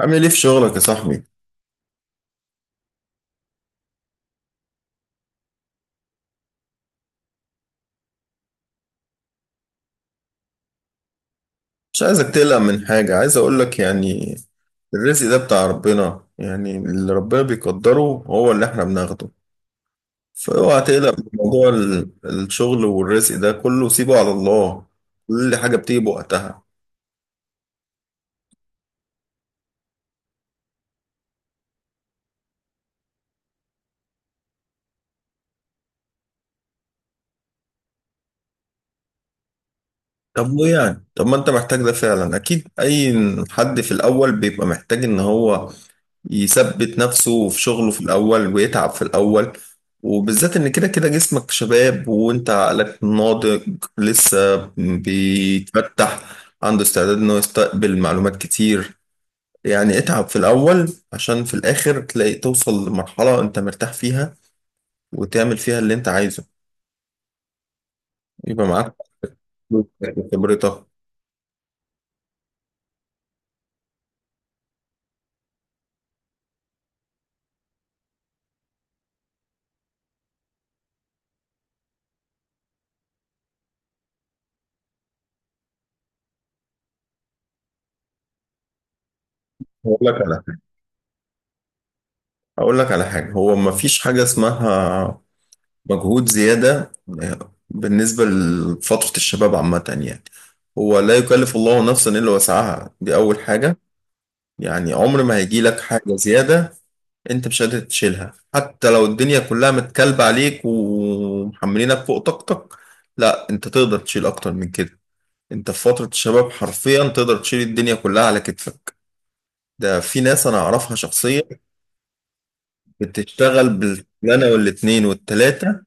عامل ايه في شغلك يا صاحبي؟ مش عايزك تقلق من حاجة، عايز اقولك يعني الرزق ده بتاع ربنا، يعني اللي ربنا بيقدره هو اللي احنا بناخده. فاوعى تقلق من موضوع الشغل والرزق، ده كله سيبه على الله. كل حاجة بتيجي بوقتها. طب وايه يعني؟ طب ما انت محتاج ده فعلا، اكيد اي حد في الاول بيبقى محتاج ان هو يثبت نفسه في شغله في الأول ويتعب في الأول، وبالذات إن كده كده جسمك شباب وأنت عقلك ناضج لسه بيتفتح، عنده استعداد إنه يستقبل معلومات كتير. يعني اتعب في الأول عشان في الآخر تلاقي توصل لمرحلة أنت مرتاح فيها وتعمل فيها اللي أنت عايزه، يبقى معاك فلوسك وخبرتك. هقول لك على حاجة، هقول لك على حاجة، هو مفيش حاجة اسمها مجهود زيادة بالنسبة لفترة الشباب عامة يعني. هو لا يكلف الله نفسا إلا وسعها، دي أول حاجة. يعني عمر ما هيجي لك حاجة زيادة أنت مش قادر تشيلها، حتى لو الدنيا كلها متكلبة عليك ومحملينك فوق طاقتك، لا أنت تقدر تشيل أكتر من كده. أنت في فترة الشباب حرفيا تقدر تشيل الدنيا كلها على كتفك. ده في ناس أنا أعرفها شخصيا بتشتغل بالشغلانة والاتنين والتلاتة،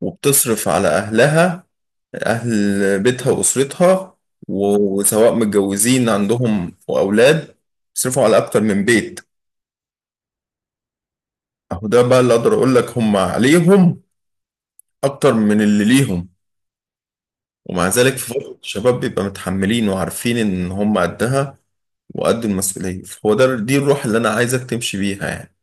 وبتصرف على أهلها، أهل بيتها وأسرتها، وسواء متجوزين عندهم وأولاد، بيصرفوا على أكتر من بيت. أهو ده بقى اللي أقدر أقول لك، هم عليهم أكتر من اللي ليهم، ومع ذلك في فترة الشباب بيبقى متحملين وعارفين إن هم قدها وقد المسؤولية. هو ده، دي الروح اللي أنا عايزك تمشي بيها يعني.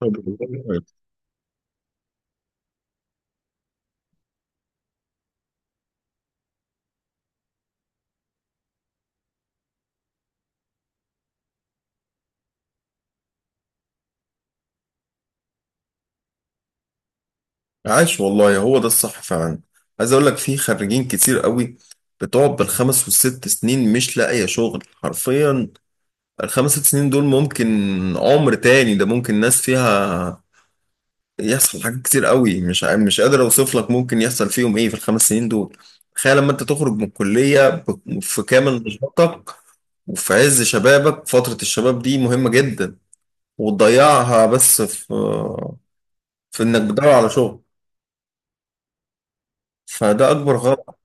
طب والله كويس. عاش والله، هو ده الصح فعلا. عايز أقول لك في خريجين كتير قوي بتقعد بالخمس والست سنين مش لاقية شغل حرفيا. الخمس ست سنين دول ممكن عمر تاني، ده ممكن ناس فيها يحصل حاجات كتير قوي، مش مش قادر اوصف لك ممكن يحصل فيهم ايه في الخمس سنين دول. تخيل لما انت تخرج من الكلية في كامل نشاطك وفي عز شبابك، فترة الشباب دي مهمة جدا، وتضيعها بس في في انك بتدور على شغل، فده اكبر غلط.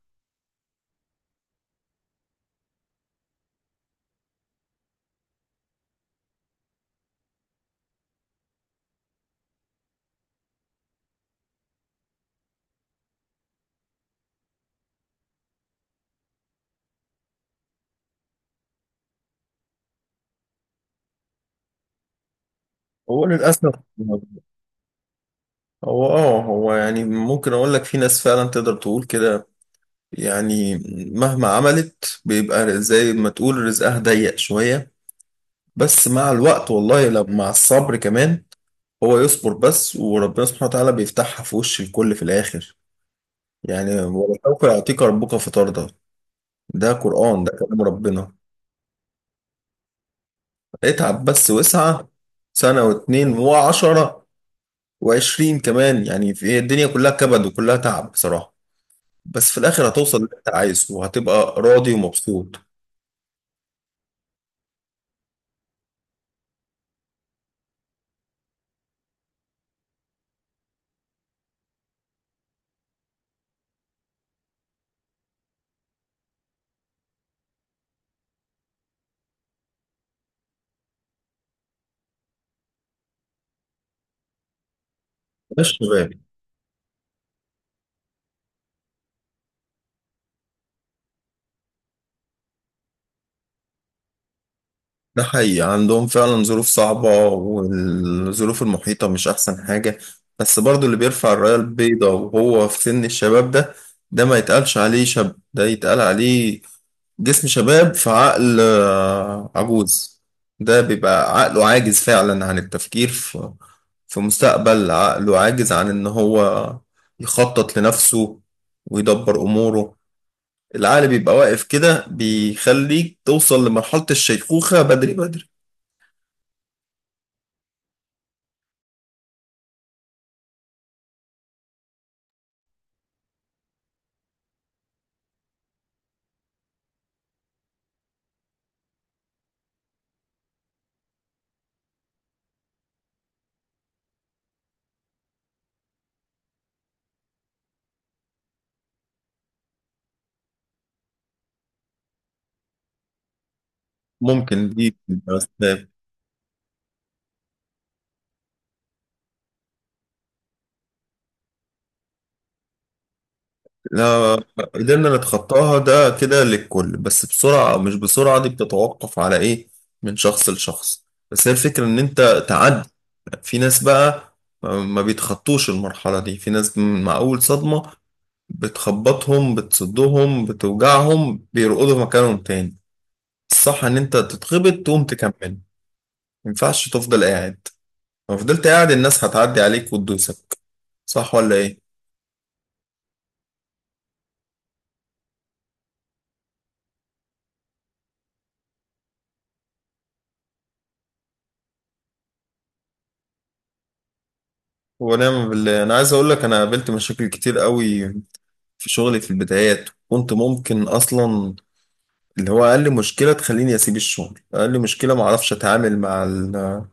هو للاسف هو اه هو يعني ممكن اقول لك في ناس فعلا تقدر تقول كده، يعني مهما عملت بيبقى زي ما تقول رزقها ضيق شوية. بس مع الوقت، والله لو مع الصبر كمان، هو يصبر بس وربنا سبحانه وتعالى بيفتحها في وش الكل في الآخر. يعني ولسوف يعطيك ربك فترضى، ده قرآن، ده كلام ربنا. اتعب بس واسعى سنة واتنين وعشرة وعشرين كمان، يعني في الدنيا كلها كبد وكلها تعب بصراحة، بس في الآخر هتوصل اللي انت عايزه وهتبقى راضي ومبسوط. مش شباب. ده حقيقي، عندهم فعلا ظروف صعبة والظروف المحيطة مش أحسن حاجة. بس برضو اللي بيرفع الراية البيضاء وهو في سن الشباب ده، ده ما يتقالش عليه شاب، ده يتقال عليه جسم شباب في عقل عجوز. ده بيبقى عقله عاجز فعلا عن التفكير في في مستقبل، عقله عاجز عن إن هو يخطط لنفسه ويدبر أموره. العقل بيبقى واقف كده، بيخليك توصل لمرحلة الشيخوخة بدري بدري. ممكن دي بس. لا، قدرنا نتخطاها ده كده للكل، بس بسرعة أو مش بسرعة دي بتتوقف على إيه من شخص لشخص. بس هي الفكرة إن أنت تعدي. في ناس بقى ما بيتخطوش المرحلة دي، في ناس مع أول صدمة بتخبطهم، بتصدهم، بتوجعهم، بيرقدوا في مكانهم تاني. الصح إن أنت تتخبط تقوم تكمل، ما ينفعش تفضل قاعد. لو فضلت قاعد الناس هتعدي عليك وتدوسك. صح ولا إيه؟ ونعم بالله. انا عايز اقول لك انا قابلت مشاكل كتير قوي في شغلي في البدايات، كنت ممكن اصلا اللي هو اقل مشكله تخليني اسيب الشغل. اقل مشكله، ما اعرفش اتعامل مع ال-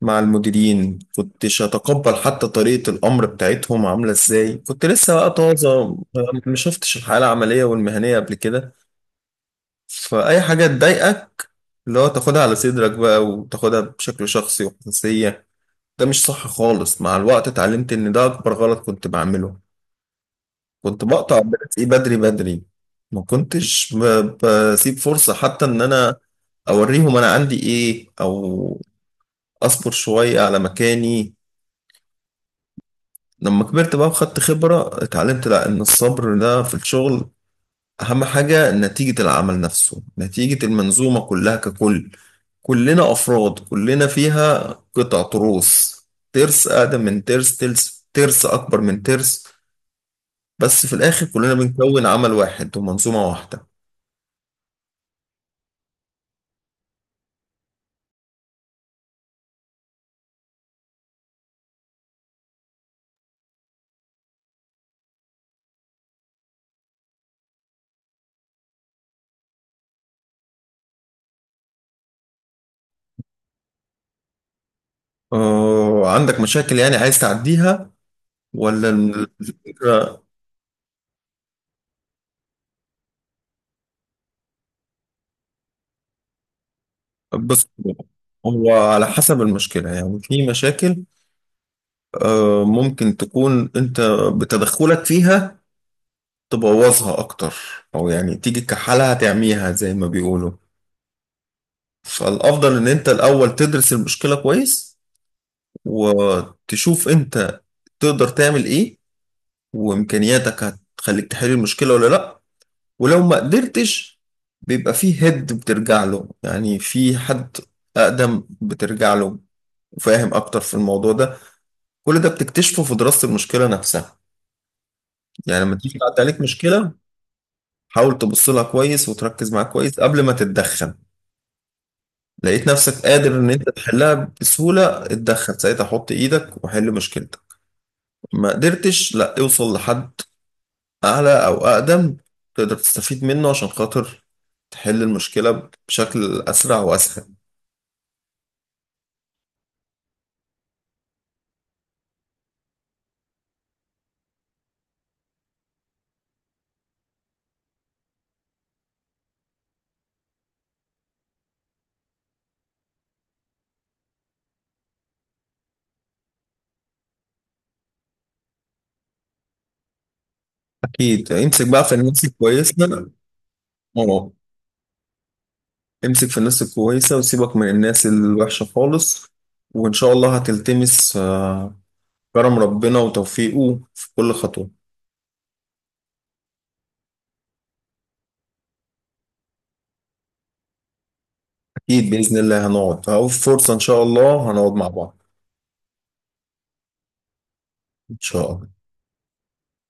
مع المديرين، كنتش اتقبل حتى طريقه الامر بتاعتهم عامله ازاي. كنت لسه بقى طازه، ما شفتش الحياه العمليه والمهنيه قبل كده. فاي حاجه تضايقك اللي هو تاخدها على صدرك بقى وتاخدها بشكل شخصي وحساسيه. ده مش صح خالص. مع الوقت اتعلمت ان ده اكبر غلط كنت بعمله. كنت بقطع درسي بدري بدري، ما كنتش بسيب فرصة حتى ان انا اوريهم انا عندي ايه، او اصبر شوية على مكاني. لما كبرت بقى وخدت خبرة اتعلمت لا، ان الصبر ده في الشغل اهم حاجة. نتيجة العمل نفسه، نتيجة المنظومة كلها ككل، كلنا افراد كلنا فيها قطع تروس، ترس اقدم من ترس، ترس ترس اكبر من ترس، بس في الاخر كلنا بنكون عمل واحد ومنظومة واحدة. عندك مشاكل يعني عايز تعديها ولا؟ الفكرة، بص، هو على حسب المشكلة يعني. في مشاكل ممكن تكون انت بتدخلك فيها تبوظها اكتر، او يعني تيجي كحالها تعميها زي ما بيقولوا. فالافضل ان انت الاول تدرس المشكلة كويس وتشوف انت تقدر تعمل ايه، وامكانياتك هتخليك تحل المشكلة ولا لا. ولو ما قدرتش بيبقى فيه هيد بترجع له، يعني في حد أقدم بترجع له وفاهم أكتر في الموضوع ده. كل ده بتكتشفه في دراسة المشكلة نفسها. يعني لما تيجي تعدي عليك مشكلة حاول تبص لها كويس وتركز معاها كويس قبل ما تتدخل. لقيت نفسك قادر إن أنت تحلها بسهولة، اتدخل ساعتها، حط إيدك وحل مشكلتك. ما قدرتش، لا، اوصل لحد أعلى أو أقدم تقدر تستفيد منه عشان خاطر تحل المشكلة بشكل أسرع وأسهل. اكيد امسك بقى في الناس الكويسه. اه، امسك في الناس الكويسه وسيبك من الناس الوحشه خالص، وان شاء الله هتلتمس كرم ربنا وتوفيقه في كل خطوه. اكيد باذن الله هنقعد، او فرصه ان شاء الله هنقعد مع بعض، ان شاء الله.